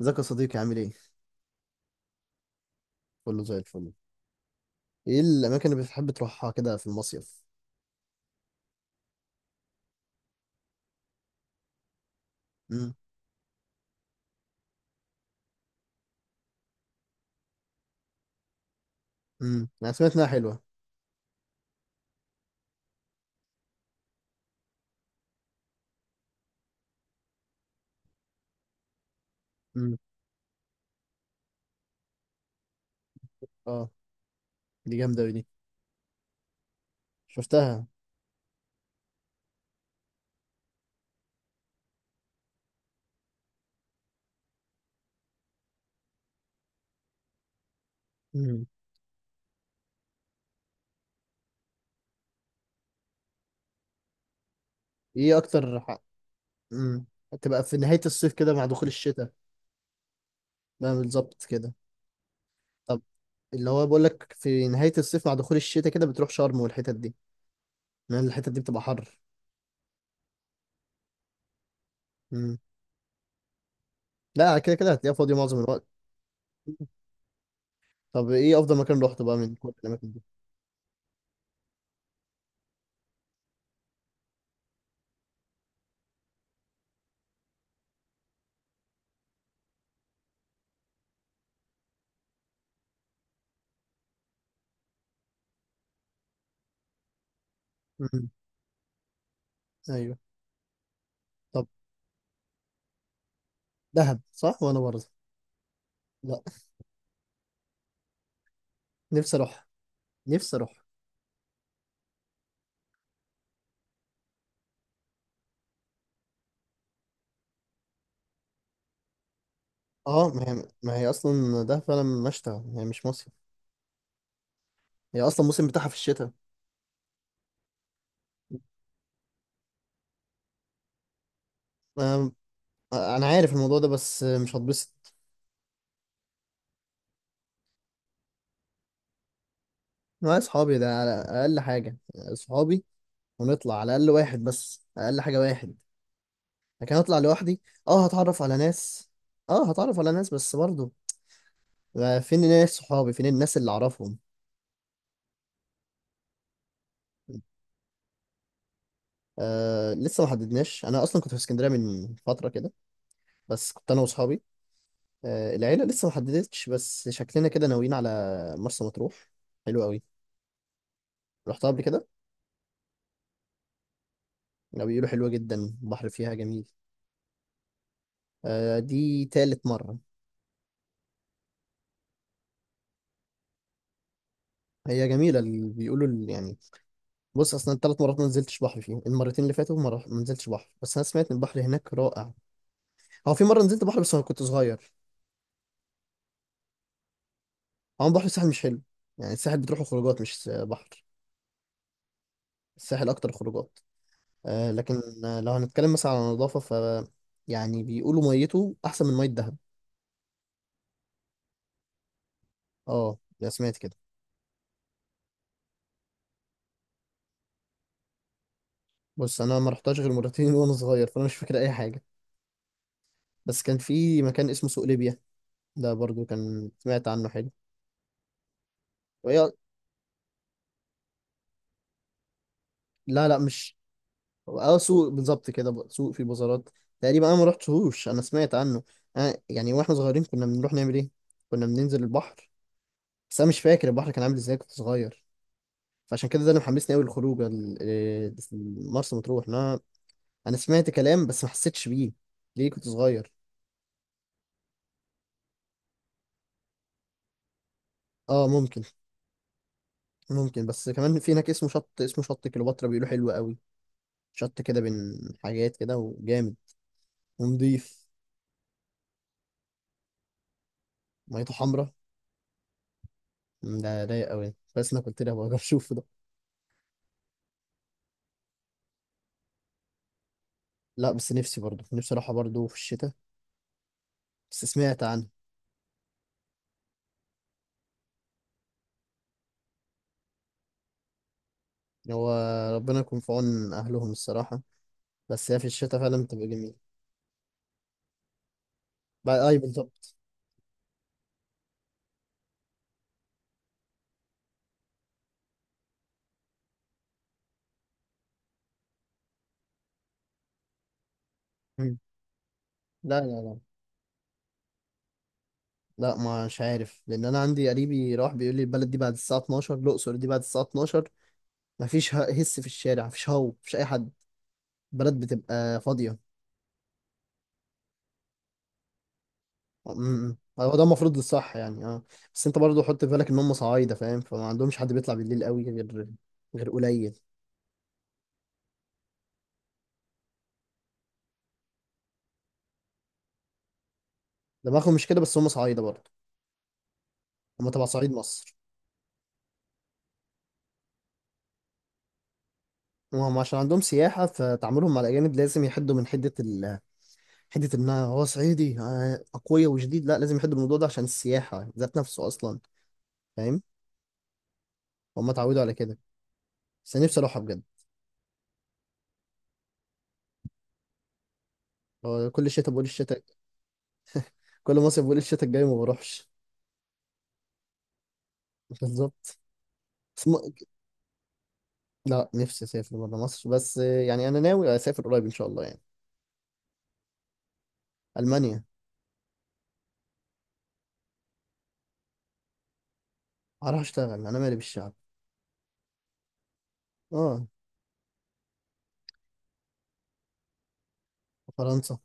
ازيك يا صديقي؟ عامل ايه؟ كله زي الفل. ايه الاماكن اللي بتحب تروحها كده في المصيف؟ امم انا سمعت انها حلوه. امم. اه، دي جامده أوي دي. شفتها. امم. ايه اكتر امم، تبقى في نهايه الصيف كده مع دخول الشتاء. بقى بالظبط كده. طب، اللي هو بقول لك في نهايه الصيف مع دخول الشتاء كده بتروح شرم والحتت دي، لان الحتت دي بتبقى حر. امم. لا، كده كده هتلاقيها فاضيه معظم الوقت. طب ايه افضل مكان روحته بقى من كل الاماكن دي؟ امم. ايوه. طب دهب، صح، وانا برضه. لا، نفسي اروح. نفسي اروح. اه، ما هي ما هي اصلا ده فعلا مشتى. هي مش مصيف. هي اصلا الموسم بتاعها في الشتاء. انا أنا عارف الموضوع ده بس مش هتبسط. معايا صحابي ده على اقل حاجه، صحابي، ونطلع على الاقل واحد بس اقل حاجه واحد. لكن اطلع لوحدي؟ اه، هتعرف على ناس. اه، هتعرف على ناس بس برضه، آه، فين الناس صحابي، فين الناس اللي اعرفهم؟ آه، لسه ما حددناش. انا اصلا كنت في اسكندريه من فتره كده بس كنت انا واصحابي. آه، العيلة لسه ما حددتش بس شكلنا كده ناويين على مرسى مطروح. حلو قوي. رحتها قبل كده. لو بيقولوا حلوة جدا، البحر فيها جميل. آه، دي تالت مرة. هي جميلة. اللي بيقولوا يعني، بص أصلا التلات مرات ما نزلتش بحر فيهم، المرتين اللي فاتوا ما نزلتش بحر، بس أنا سمعت إن البحر هناك رائع. هو في مرة نزلت بحر بس أنا كنت صغير. هو بحر الساحل مش حلو، يعني الساحل بتروحوا خروجات مش بحر. الساحل أكتر خروجات. آه، لكن آه، لو هنتكلم مثلا على النظافة، ف يعني بيقولوا ميته أحسن من مية دهب. اه، لا سمعت كده. بص انا ما رحتش غير مرتين وانا صغير، فانا مش فاكر اي حاجه. بس كان في مكان اسمه سوق ليبيا، ده برضو كان سمعت عنه حلو. وهي، لا لا مش، اه سوق بالظبط كده، سوق في بازارات. تقريبا انا ما رحتهوش انا سمعت عنه. أنا يعني واحنا صغيرين كنا بنروح نعمل ايه؟ كنا بننزل البحر. بس انا مش فاكر البحر كان عامل ازاي، كنت صغير. فعشان كده ده اللي محمسني قوي الخروج مرسى مطروح. انا انا سمعت كلام بس ما حسيتش بيه، ليه كنت صغير. اه ممكن. ممكن، بس كمان في هناك اسمه شط، اسمه شط كليوباترا، بيقولوا حلو قوي. شط كده بين حاجات كده، وجامد ونضيف. ميته حمرا. مم، ده رايق قوي بس انا كنت لها بقى اشوف ده. لا، بس نفسي برضه، نفسي اروحها برضه في الشتاء، بس سمعت عنها. هو ربنا يكون في عون اهلهم الصراحه، بس هي في الشتاء فعلا بتبقى جميله. بقى آه، اي بالظبط. مم. لا لا لا، لا ما مش عارف، لان انا عندي قريبي راح بيقول لي البلد دي بعد الساعه 12، الاقصر دي بعد الساعه 12 مفيش هس في الشارع، مفيش، هو مفيش اي حد. بلد بتبقى فاضية. امم، هو ده المفروض الصح يعني، اه. بس انت برضه حط في بالك ان هم صعايدة، فاهم؟ فما عندهمش حد بيطلع بالليل قوي غير، غير قليل. دماغهم مش كده بس هم صعايدة برضه. هم تبع صعيد مصر. وهم عشان عندهم سياحة، فتعاملهم مع الأجانب لازم يحدوا من حدة حدة إن هو صعيدي آه، أقوياء وشديد. لا، لازم يحدوا من الموضوع ده عشان السياحة ذات نفسه أصلا. فاهم؟ هم اتعودوا على كده. بس أنا نفسي أروحها بجد. هو كل شتاء بقول الشتاء، كل مصيف بقول الشتاء الجاي ما بروحش. بالظبط. لا، نفسي اسافر بره مصر، بس يعني انا ناوي اسافر قريب ان شاء الله يعني. المانيا. هروح اشتغل، انا مالي بالشعب. اه. فرنسا.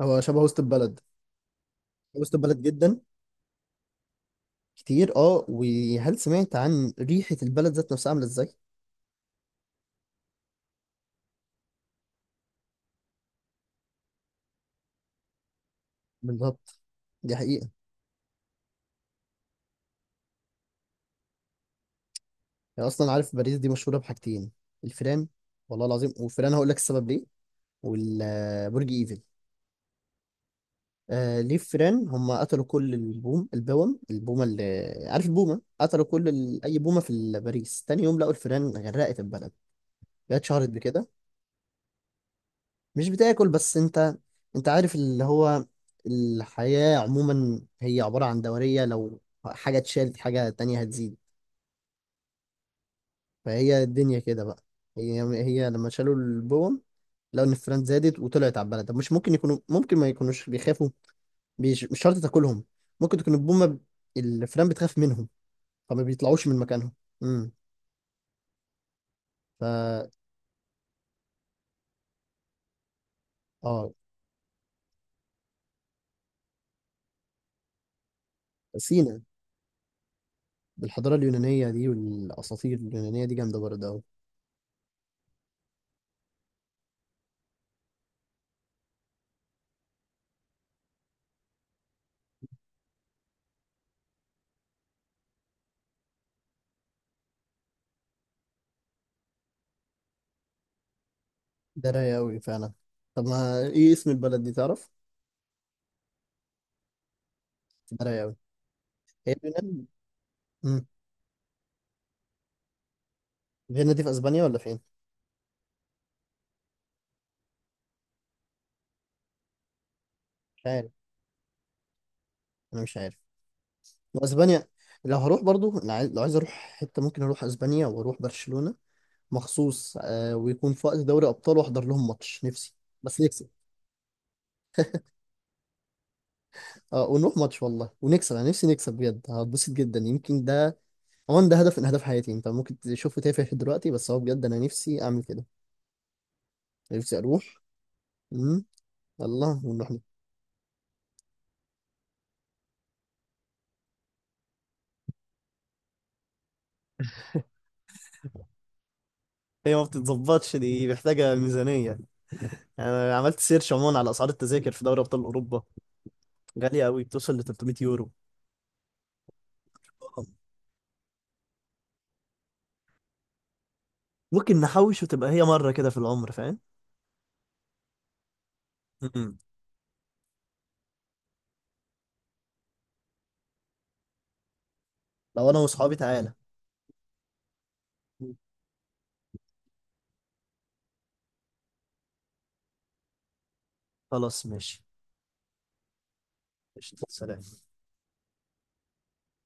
هو شبه وسط البلد. وسط البلد جدا. كتير، اه. وهل سمعت عن ريحة البلد ذات نفسها عاملة ازاي؟ بالظبط، دي حقيقة. يعني اصلا عارف باريس دي مشهورة بحاجتين: الفيران، والله العظيم، والفيران هقول لك السبب ليه، والبرج ايفل. آه ليه فيران؟ هم قتلوا كل البوم، البوم البومة، اللي عارف البومة، قتلوا كل أي بومة في باريس. تاني يوم لقوا الفيران غرقت البلد. هي اتشهرت بكده. مش بتاكل، بس أنت، أنت عارف اللي هو الحياة عموما هي عبارة عن دورية، لو حاجة اتشالت حاجة تانية هتزيد. فهي الدنيا كده بقى. هي هي لما شالوا البوم لقوا إن الفيران زادت وطلعت على البلد. طب مش ممكن يكونوا، ممكن ما يكونوش بيخافوا؟ مش مش شرط تاكلهم، ممكن تكون البومة الفيران بتخاف منهم، فما بيطلعوش من مكانهم. امم. ف اه، سينا بالحضاره اليونانيه دي والاساطير اليونانيه دي جامده برضه قوي. ده رايق قوي فعلا. طب ما ايه اسم البلد دي، تعرف؟ ده رايق قوي. هي اليونان. امم. فيينا دي في اسبانيا ولا فين؟ مش عارف، انا مش عارف. لو اسبانيا، لو هروح برضه، لو عايز، لو عايز اروح حته ممكن اروح اسبانيا واروح برشلونه مخصوص آه، ويكون في وقت دوري ابطال واحضر لهم ماتش، نفسي. بس نكسب. اه، ونروح ماتش والله ونكسب، انا نفسي نكسب بجد. هتبسط جدا يمكن ده، هو ده هدف من اهداف حياتي. انت ممكن تشوفه تافه دلوقتي بس هو بجد انا نفسي اعمل كده. نفسي اروح. امم. الله، ونروح له. هي ما بتتظبطش دي، محتاجة ميزانية. أنا عملت سيرش عموما على أسعار التذاكر في دوري أبطال أوروبا، غالية أوي، بتوصل ل 300 يورو. ممكن نحوش وتبقى هي مرة كده في العمر، فاهم؟ مم. لو أنا وأصحابي تعالى. خلاص ماشي. قشطة، سلام.